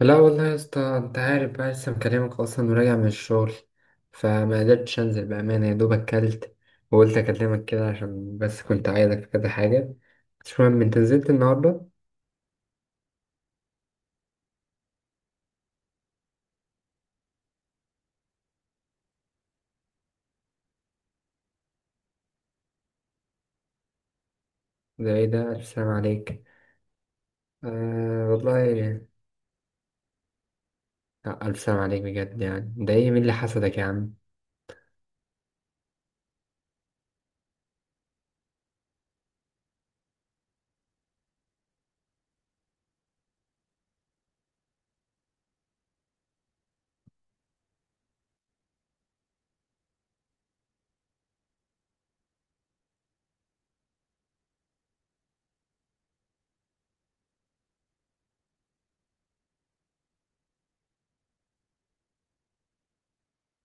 لا والله يا اسطى، انت عارف بقى لسه مكلمك اصلا وراجع من الشغل، فما قدرتش انزل. بامانه يا دوب اكلت وقلت اكلمك كده عشان بس كنت عايزك في كذا حاجه. مش مهم، انت نزلت النهارده؟ ده ايه ده، الف سلام عليك. آه والله. لا، الف سلام عليك بجد، يعني ده ايه، مين اللي حسدك يا عم؟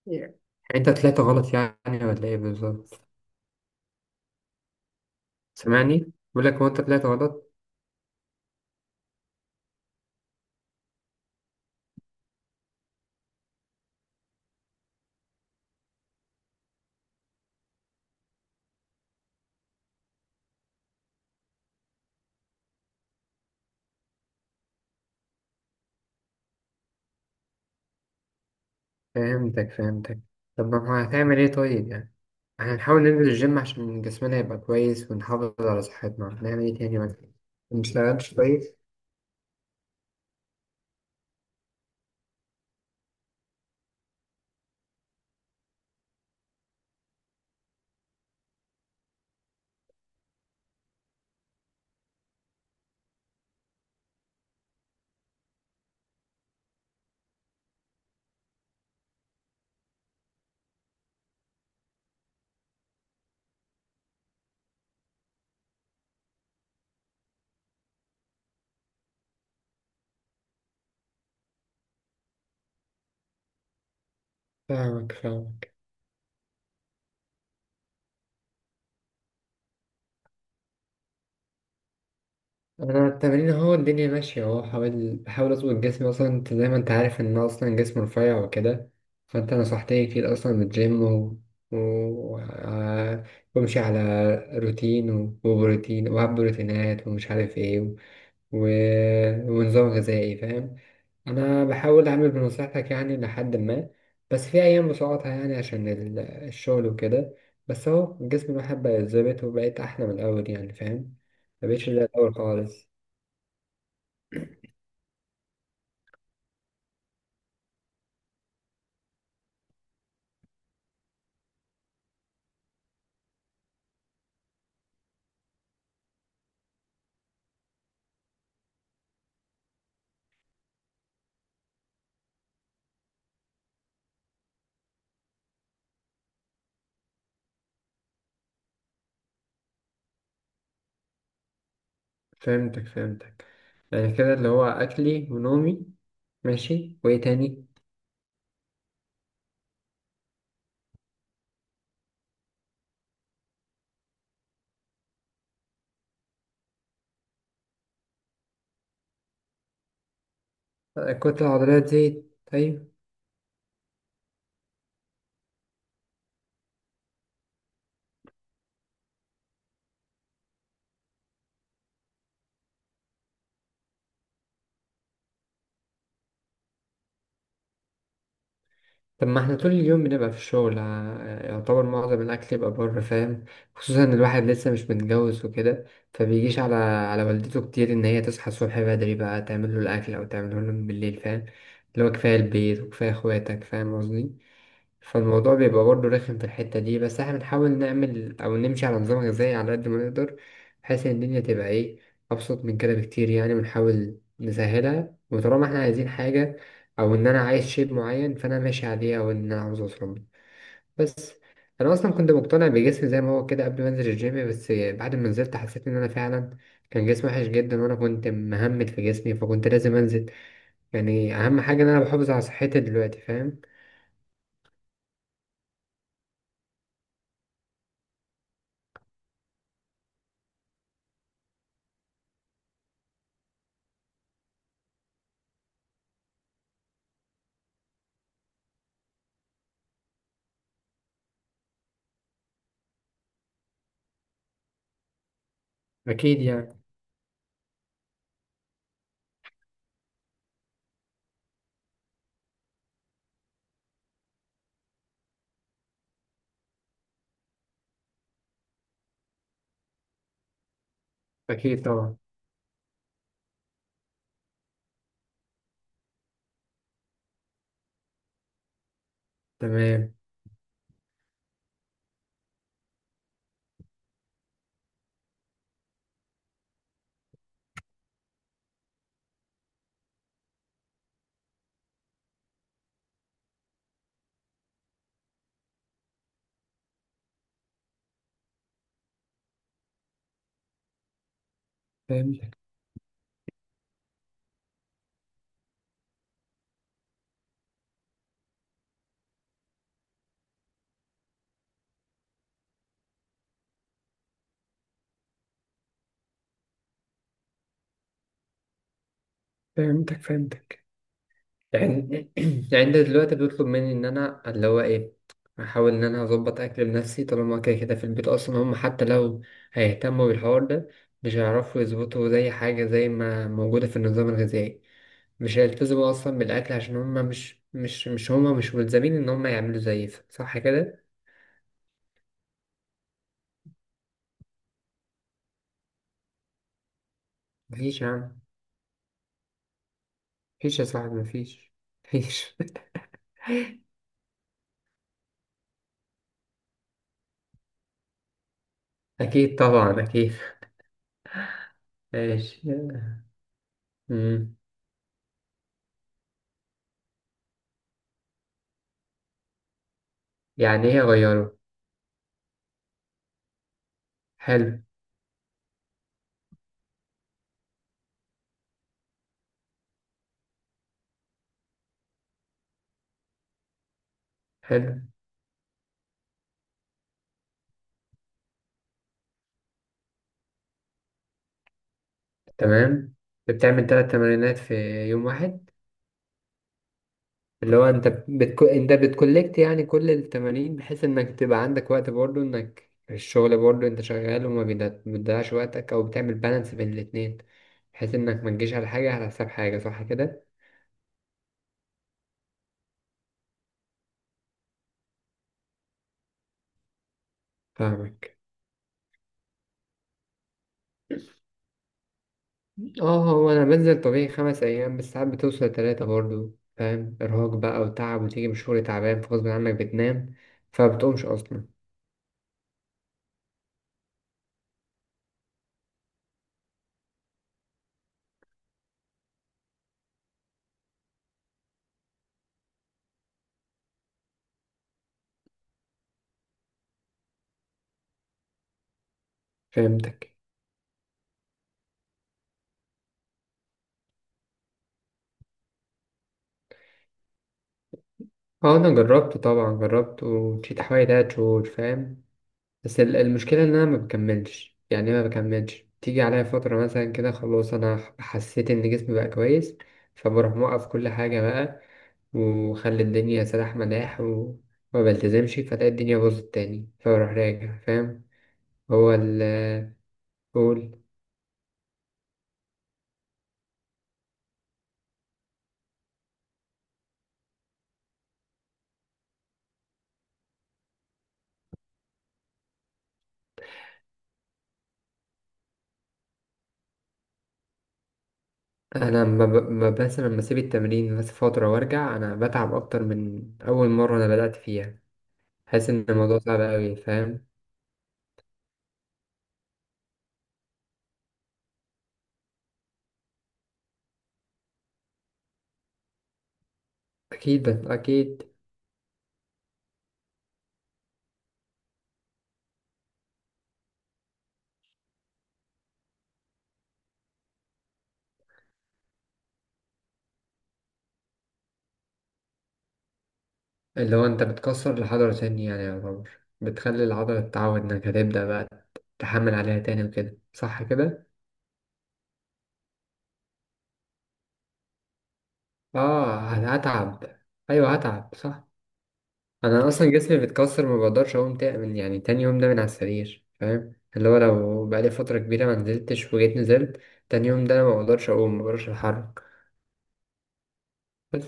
يعني انت طلعت غلط يعني ولا ايه بالظبط؟ سامعني، بقول لك هو انت طلعت غلط؟ فهمتك فهمتك. طب ما هو هتعمل ايه طيب يعني؟ احنا نحاول ننزل الجيم عشان جسمنا يبقى كويس ونحافظ على صحتنا، هنعمل ايه تاني مثلا؟ ما نشتغلش كويس. فاهمك فاهمك. انا التمرين اهو الدنيا ماشيه اهو، حاول بحاول اظبط جسمي، اصلا انت زي ما انت عارف ان أنا اصلا جسمي رفيع وكده. فانت نصحتني كتير اصلا بالجيم و... و... آه، وامشي على روتين وبروتين، وهب بروتينات ومش عارف ايه و... ونظام غذائي، فاهم. انا بحاول اعمل بنصيحتك يعني لحد ما، بس في ايام بسقطها يعني عشان الشغل وكده. بس اهو جسم الواحد بقى اتظبط وبقيت احلى من الاول، يعني فاهم، مبقتش زي الاول خالص. فهمتك فهمتك. يعني كده اللي هو اكلي ونومي، ماشي، وايه تاني؟ الكتله العضليه تزيد، طيب. طب ما احنا طول اليوم بنبقى في الشغل، يعتبر معظم الأكل يبقى بره، فاهم. خصوصا إن الواحد لسه مش متجوز وكده، فبيجيش على على والدته كتير إن هي تصحى الصبح بدري بقى تعمل له الأكل أو تعمله له بالليل، فاهم. اللي هو كفاية البيت وكفاية إخواتك، فاهم قصدي؟ فالموضوع بيبقى برضه رخم في الحتة دي، بس احنا بنحاول نعمل أو نمشي على نظام غذائي على قد ما نقدر، بحيث إن الدنيا تبقى إيه، أبسط من كده بكتير. يعني بنحاول نسهلها، وطالما احنا عايزين حاجة أو إن أنا عايز شيب معين فأنا ماشي عليه، أو إن أنا عاوز أوصل له. بس أنا أصلا كنت مقتنع بجسمي زي ما هو كده قبل ما أنزل الجيم، بس بعد ما نزلت حسيت إن أنا فعلا كان جسمي وحش جدا، وأنا كنت مهمل في جسمي فكنت لازم أنزل. يعني أهم حاجة إن أنا بحافظ على صحتي دلوقتي، فاهم. أكيد يعني. أكيد طبعا. تمام. فهمتك فهمتك فهمتك. يعني يعني انت دلوقتي بيطلب مني ان انا اللي هو ايه، احاول ان انا اظبط اكل لنفسي، طالما كده كده في البيت اصلا هم حتى لو هيهتموا بالحوار ده، مش هيعرفوا يظبطوا زي حاجة زي ما موجودة في النظام الغذائي. مش هيلتزموا اصلا بالاكل عشان هم مش هم مش ملزمين ان هم يعملوا زي صح كده. مفيش يا عم، مفيش يا صاحبي، مفيش، مفيش. اكيد طبعا، اكيد. ماشي. مم. يعني ايه اغيره؟ حلو. حلو. تمام. بتعمل ثلاث تمرينات في يوم واحد؟ اللي هو انت انت بتكولكت يعني كل التمارين، بحيث انك تبقى عندك وقت برضه، انك الشغل برضه انت شغال وما بتضيعش وقتك، او بتعمل بالانس بين الاتنين، بحيث انك ما تجيش على حاجة على حساب حاجة، صح كده؟ فاهمك. اه، هو انا بنزل طبيعي خمس ايام، بس ساعات بتوصل تلاتة برضه، فاهم ارهاق بقى وتعب، وتيجي من الشغل تعبان فغصب عنك بتنام، فبتقومش اصلا. فهمتك. اه انا جربته، طبعا جربته وفي تحوالي تلات شهور، فاهم. بس المشكله ان انا ما بكملش، يعني إيه ما بكملش، تيجي عليا فتره مثلا كده، خلاص انا حسيت ان جسمي بقى كويس، فبروح موقف كل حاجه بقى، وخلي الدنيا سلاح مداح، وما بلتزمش، فتلاقي الدنيا باظت تاني، فبروح راجع، فاهم. هو ال قول انا ما ب... ما بس لما اسيب التمرين بس فتره وارجع، انا بتعب اكتر من اول مره انا بدات فيها. حاسس ان الموضوع صعب قوي، فاهم. أكيد أكيد. اللي هو أنت بتكسر العضلة تاني، يعني يعتبر بتخلي العضلة تتعود إنك هتبدأ بقى تحمل عليها تاني وكده، صح كده؟ آه هتعب. أيوه هتعب، صح. أنا أصلا جسمي بيتكسر، ما بقدرش أقوم من يعني تاني يوم ده من على السرير، فاهم، اللي هو لو بقالي فترة كبيرة ما نزلتش وجيت نزلت، تاني يوم ده أنا ما بقدرش أقوم، ما بقدرش أتحرك. بس.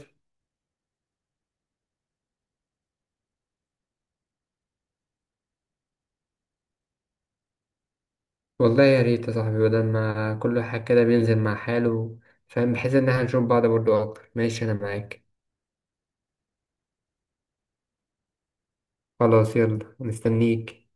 والله يا ريت يا صاحبي، بدل ما كل واحد كده بينزل مع حاله، فاهم، بحيث إن احنا نشوف بعض برضه أكتر. ماشي، أنا معاك. خلاص يلا، مستنيك.